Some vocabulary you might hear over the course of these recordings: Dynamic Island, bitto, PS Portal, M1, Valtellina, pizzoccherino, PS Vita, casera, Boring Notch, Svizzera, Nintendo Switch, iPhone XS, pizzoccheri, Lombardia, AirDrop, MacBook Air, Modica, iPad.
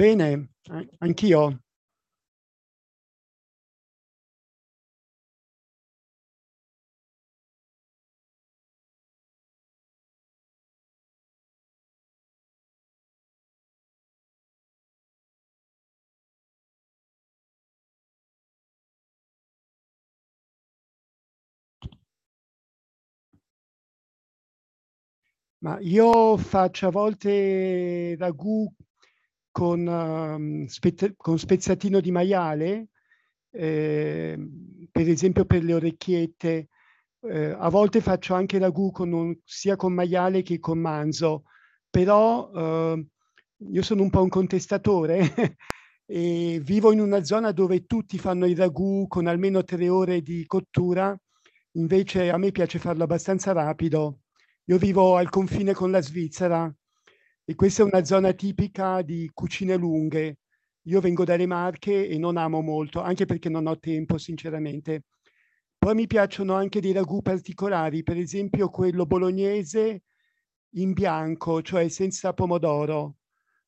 Bene, anch'io, ma io faccio a volte ragù con, con spezzatino di maiale, per esempio per le orecchiette. A volte faccio anche ragù con sia con maiale che con manzo, però io sono un po' un contestatore E vivo in una zona dove tutti fanno il ragù con almeno 3 ore di cottura, invece a me piace farlo abbastanza rapido. Io vivo al confine con la Svizzera e questa è una zona tipica di cucine lunghe. Io vengo dalle Marche e non amo molto, anche perché non ho tempo, sinceramente. Poi mi piacciono anche dei ragù particolari, per esempio quello bolognese in bianco, cioè senza pomodoro,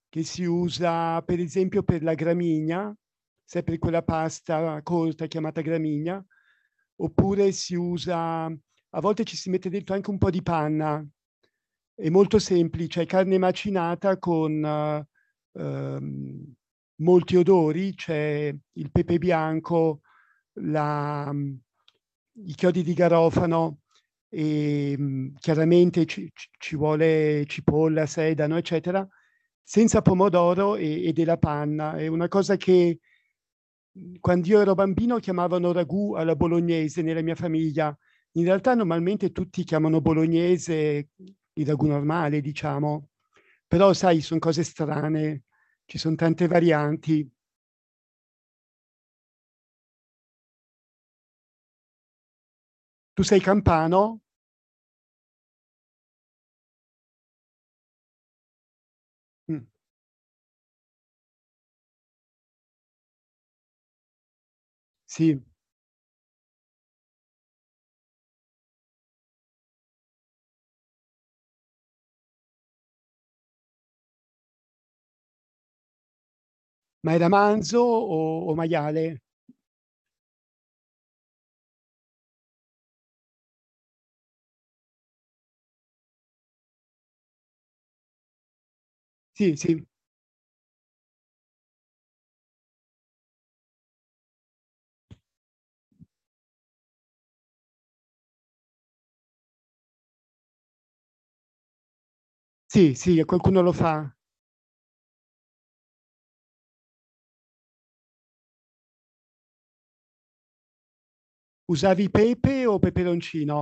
che si usa per esempio per la gramigna, sempre quella pasta corta chiamata gramigna. Oppure si usa, a volte ci si mette dentro anche un po' di panna, è molto semplice, è carne macinata con ehm, molti odori: c'è il pepe bianco, la, i chiodi di garofano, e, chiaramente ci vuole cipolla, sedano, eccetera, senza pomodoro e della panna. È una cosa che, quando io ero bambino, chiamavano ragù alla bolognese nella mia famiglia. In realtà normalmente tutti chiamano bolognese il ragù normale, diciamo. Però sai, sono cose strane, ci sono tante varianti. Tu sei campano? Mm, sì. Ma era manzo o maiale? Sì, sì, sì, sì, qualcuno lo fa. Usavi pepe o peperoncino?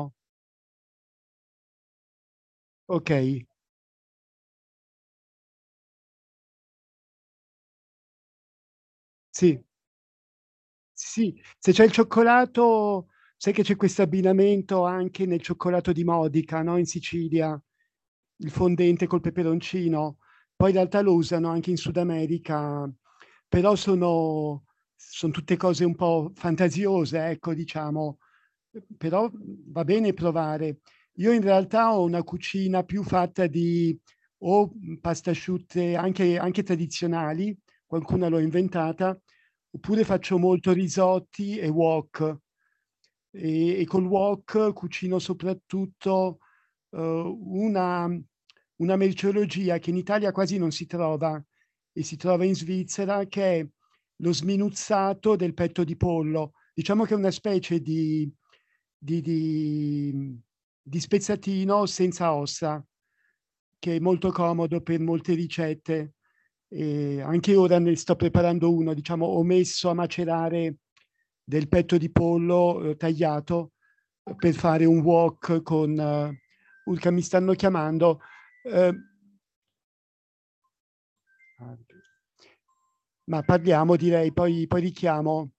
Okay, sì. Sì, se c'è il cioccolato, sai che c'è questo abbinamento anche nel cioccolato di Modica, no, in Sicilia, il fondente col peperoncino. Poi in realtà lo usano anche in Sud America, però son tutte cose un po' fantasiose, ecco, diciamo. Però va bene provare. Io in realtà ho una cucina più fatta di pasta asciutte, anche tradizionali, qualcuna l'ho inventata, oppure faccio molto risotti e wok. E col wok cucino soprattutto eh, una, una merceologia che in Italia quasi non si trova e si trova in Svizzera, che è lo sminuzzato del petto di pollo. Diciamo che è una specie di, di, di spezzatino senza ossa, che è molto comodo per molte ricette, e anche ora ne sto preparando uno, diciamo, ho messo a macerare del petto di pollo tagliato, per fare un wok con. Urca, mi stanno chiamando. eh, ma parliamo, direi, poi richiamo.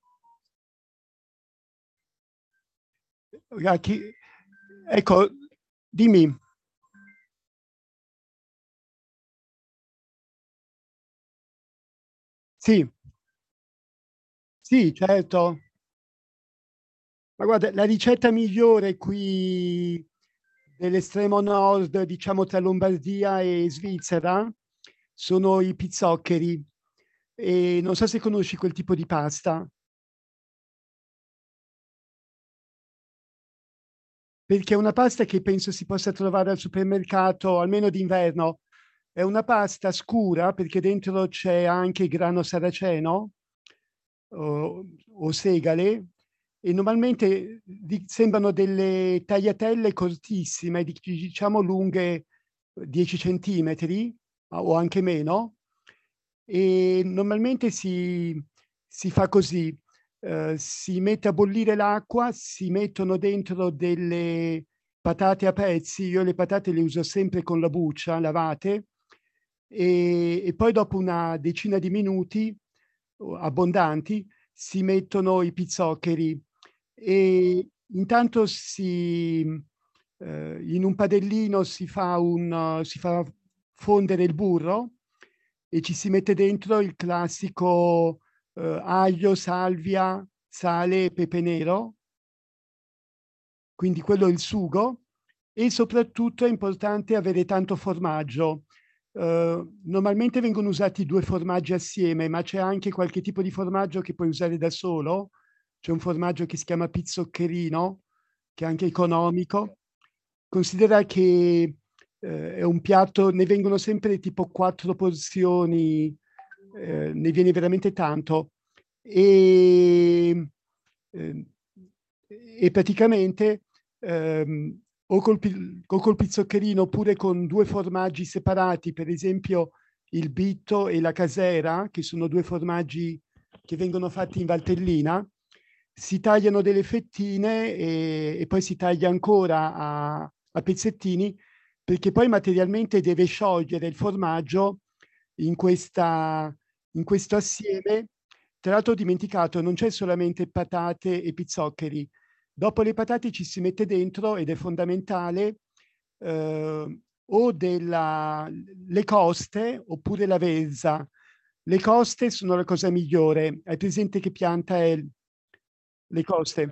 Ra- chi- Ecco, dimmi. Sì, sì, certo. Ma guarda, la ricetta migliore qui, dell'estremo nord, diciamo tra Lombardia e Svizzera, sono i pizzoccheri. E non so se conosci quel tipo di pasta. Perché è una pasta che penso si possa trovare al supermercato, almeno d'inverno. È una pasta scura perché dentro c'è anche grano saraceno o, o segale, e normalmente sembrano delle tagliatelle cortissime, diciamo lunghe 10 centimetri o anche meno. E normalmente si fa così, si mette a bollire l'acqua, si mettono dentro delle patate a pezzi, io le patate le uso sempre con la buccia, lavate, e poi, dopo una decina di minuti abbondanti, si mettono i pizzoccheri. E intanto in un padellino si fa fondere il burro, e ci si mette dentro il classico, aglio, salvia, sale e pepe nero, quindi quello è il sugo. E soprattutto è importante avere tanto formaggio. Normalmente vengono usati 2 formaggi assieme, ma c'è anche qualche tipo di formaggio che puoi usare da solo. C'è un formaggio che si chiama pizzoccherino, che è anche economico. Considera che, è un piatto, ne vengono sempre tipo 4 porzioni, ne viene veramente tanto. Ehm, ehm, e praticamente, ehm, o col pizzoccherino, oppure con due formaggi separati, per esempio il bitto e la casera, che sono due formaggi che vengono fatti in Valtellina, si tagliano delle fettine e poi si taglia ancora a pezzettini, perché poi materialmente deve sciogliere il formaggio in, in questo assieme. Tra l'altro ho dimenticato, non c'è solamente patate e pizzoccheri. Dopo le patate ci si mette dentro, ed è fondamentale, eh, o della, le coste oppure l'avezza. Le coste sono la cosa migliore. Hai presente che pianta è le coste?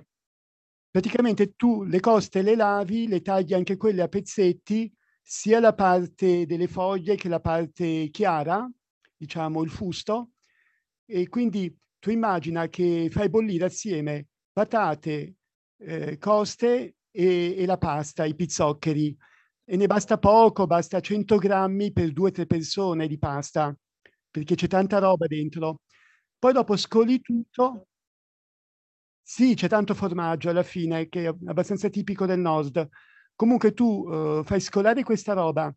Praticamente tu le coste le lavi, le tagli anche quelle a pezzetti, sia la parte delle foglie che la parte chiara, diciamo il fusto. E quindi tu immagina che fai bollire assieme patate, coste e la pasta, i pizzoccheri. E ne basta poco, basta 100 grammi per due o tre persone di pasta, perché c'è tanta roba dentro. Poi dopo scoli tutto, sì, c'è tanto formaggio alla fine, che è abbastanza tipico del Nord. Comunque tu, fai scolare questa roba,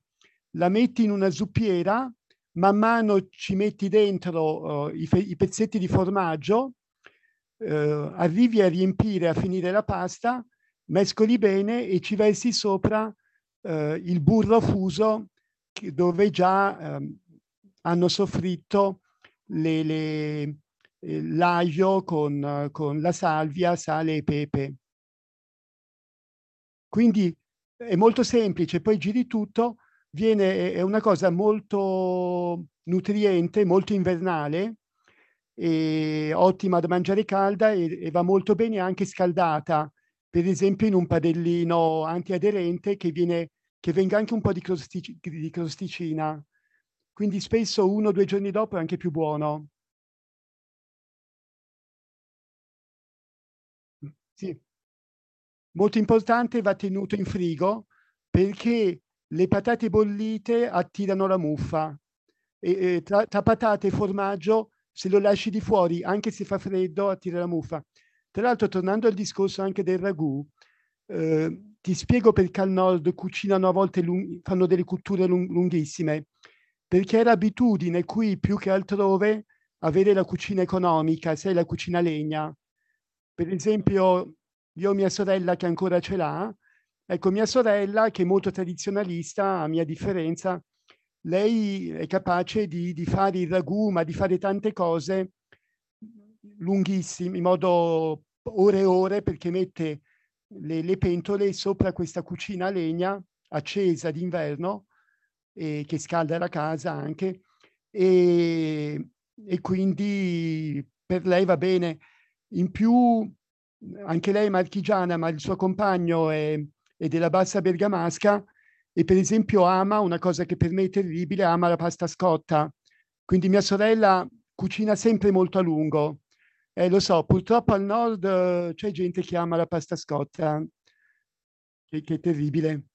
la metti in una zuppiera, man mano ci metti dentro, i pezzetti di formaggio, arrivi a riempire, a finire la pasta, mescoli bene e ci versi sopra il burro fuso, che dove già, hanno soffritto le l'aglio con la salvia, sale e pepe. Quindi è molto semplice, poi giri tutto, è una cosa molto nutriente, molto invernale, e ottima da mangiare calda, e va molto bene anche scaldata, per esempio in un padellino antiaderente, che venga anche un po' di crosticina. Quindi spesso uno o due giorni dopo è anche più buono. Sì. Molto importante, va tenuto in frigo, perché le patate bollite attirano la muffa, e tra patate e formaggio, se lo lasci di fuori, anche se fa freddo, attira la muffa. Tra l'altro, tornando al discorso anche del ragù, ti spiego perché al nord cucinano a volte, fanno delle cotture lunghissime, perché è l'abitudine qui, più che altrove, avere la cucina economica, sai, la cucina a legna. Per esempio, io ho mia sorella che ancora ce l'ha. Ecco, mia sorella, che è molto tradizionalista, a mia differenza, lei è capace di fare il ragù, ma di fare tante cose lunghissime, in modo, ore e ore, perché mette le pentole sopra questa cucina a legna accesa d'inverno, che scalda la casa anche, e, e quindi per lei va bene. In più, anche lei è marchigiana, ma il suo compagno è della bassa bergamasca, e per esempio ama una cosa che per me è terribile: ama la pasta scotta. Quindi mia sorella cucina sempre molto a lungo. Lo so, purtroppo al nord c'è gente che ama la pasta scotta, che è terribile.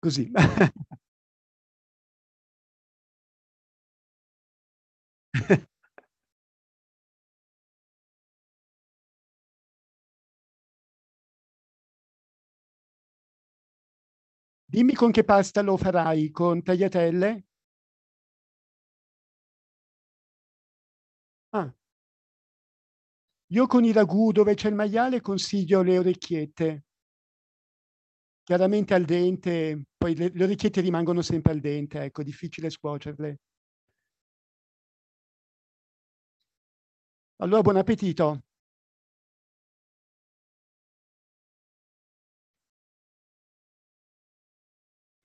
Così. Dimmi con che pasta lo farai, con tagliatelle? Ah, io con i ragù dove c'è il maiale consiglio le orecchiette. Chiaramente al dente, poi le orecchiette rimangono sempre al dente, ecco, difficile scuocerle. Allora buon appetito.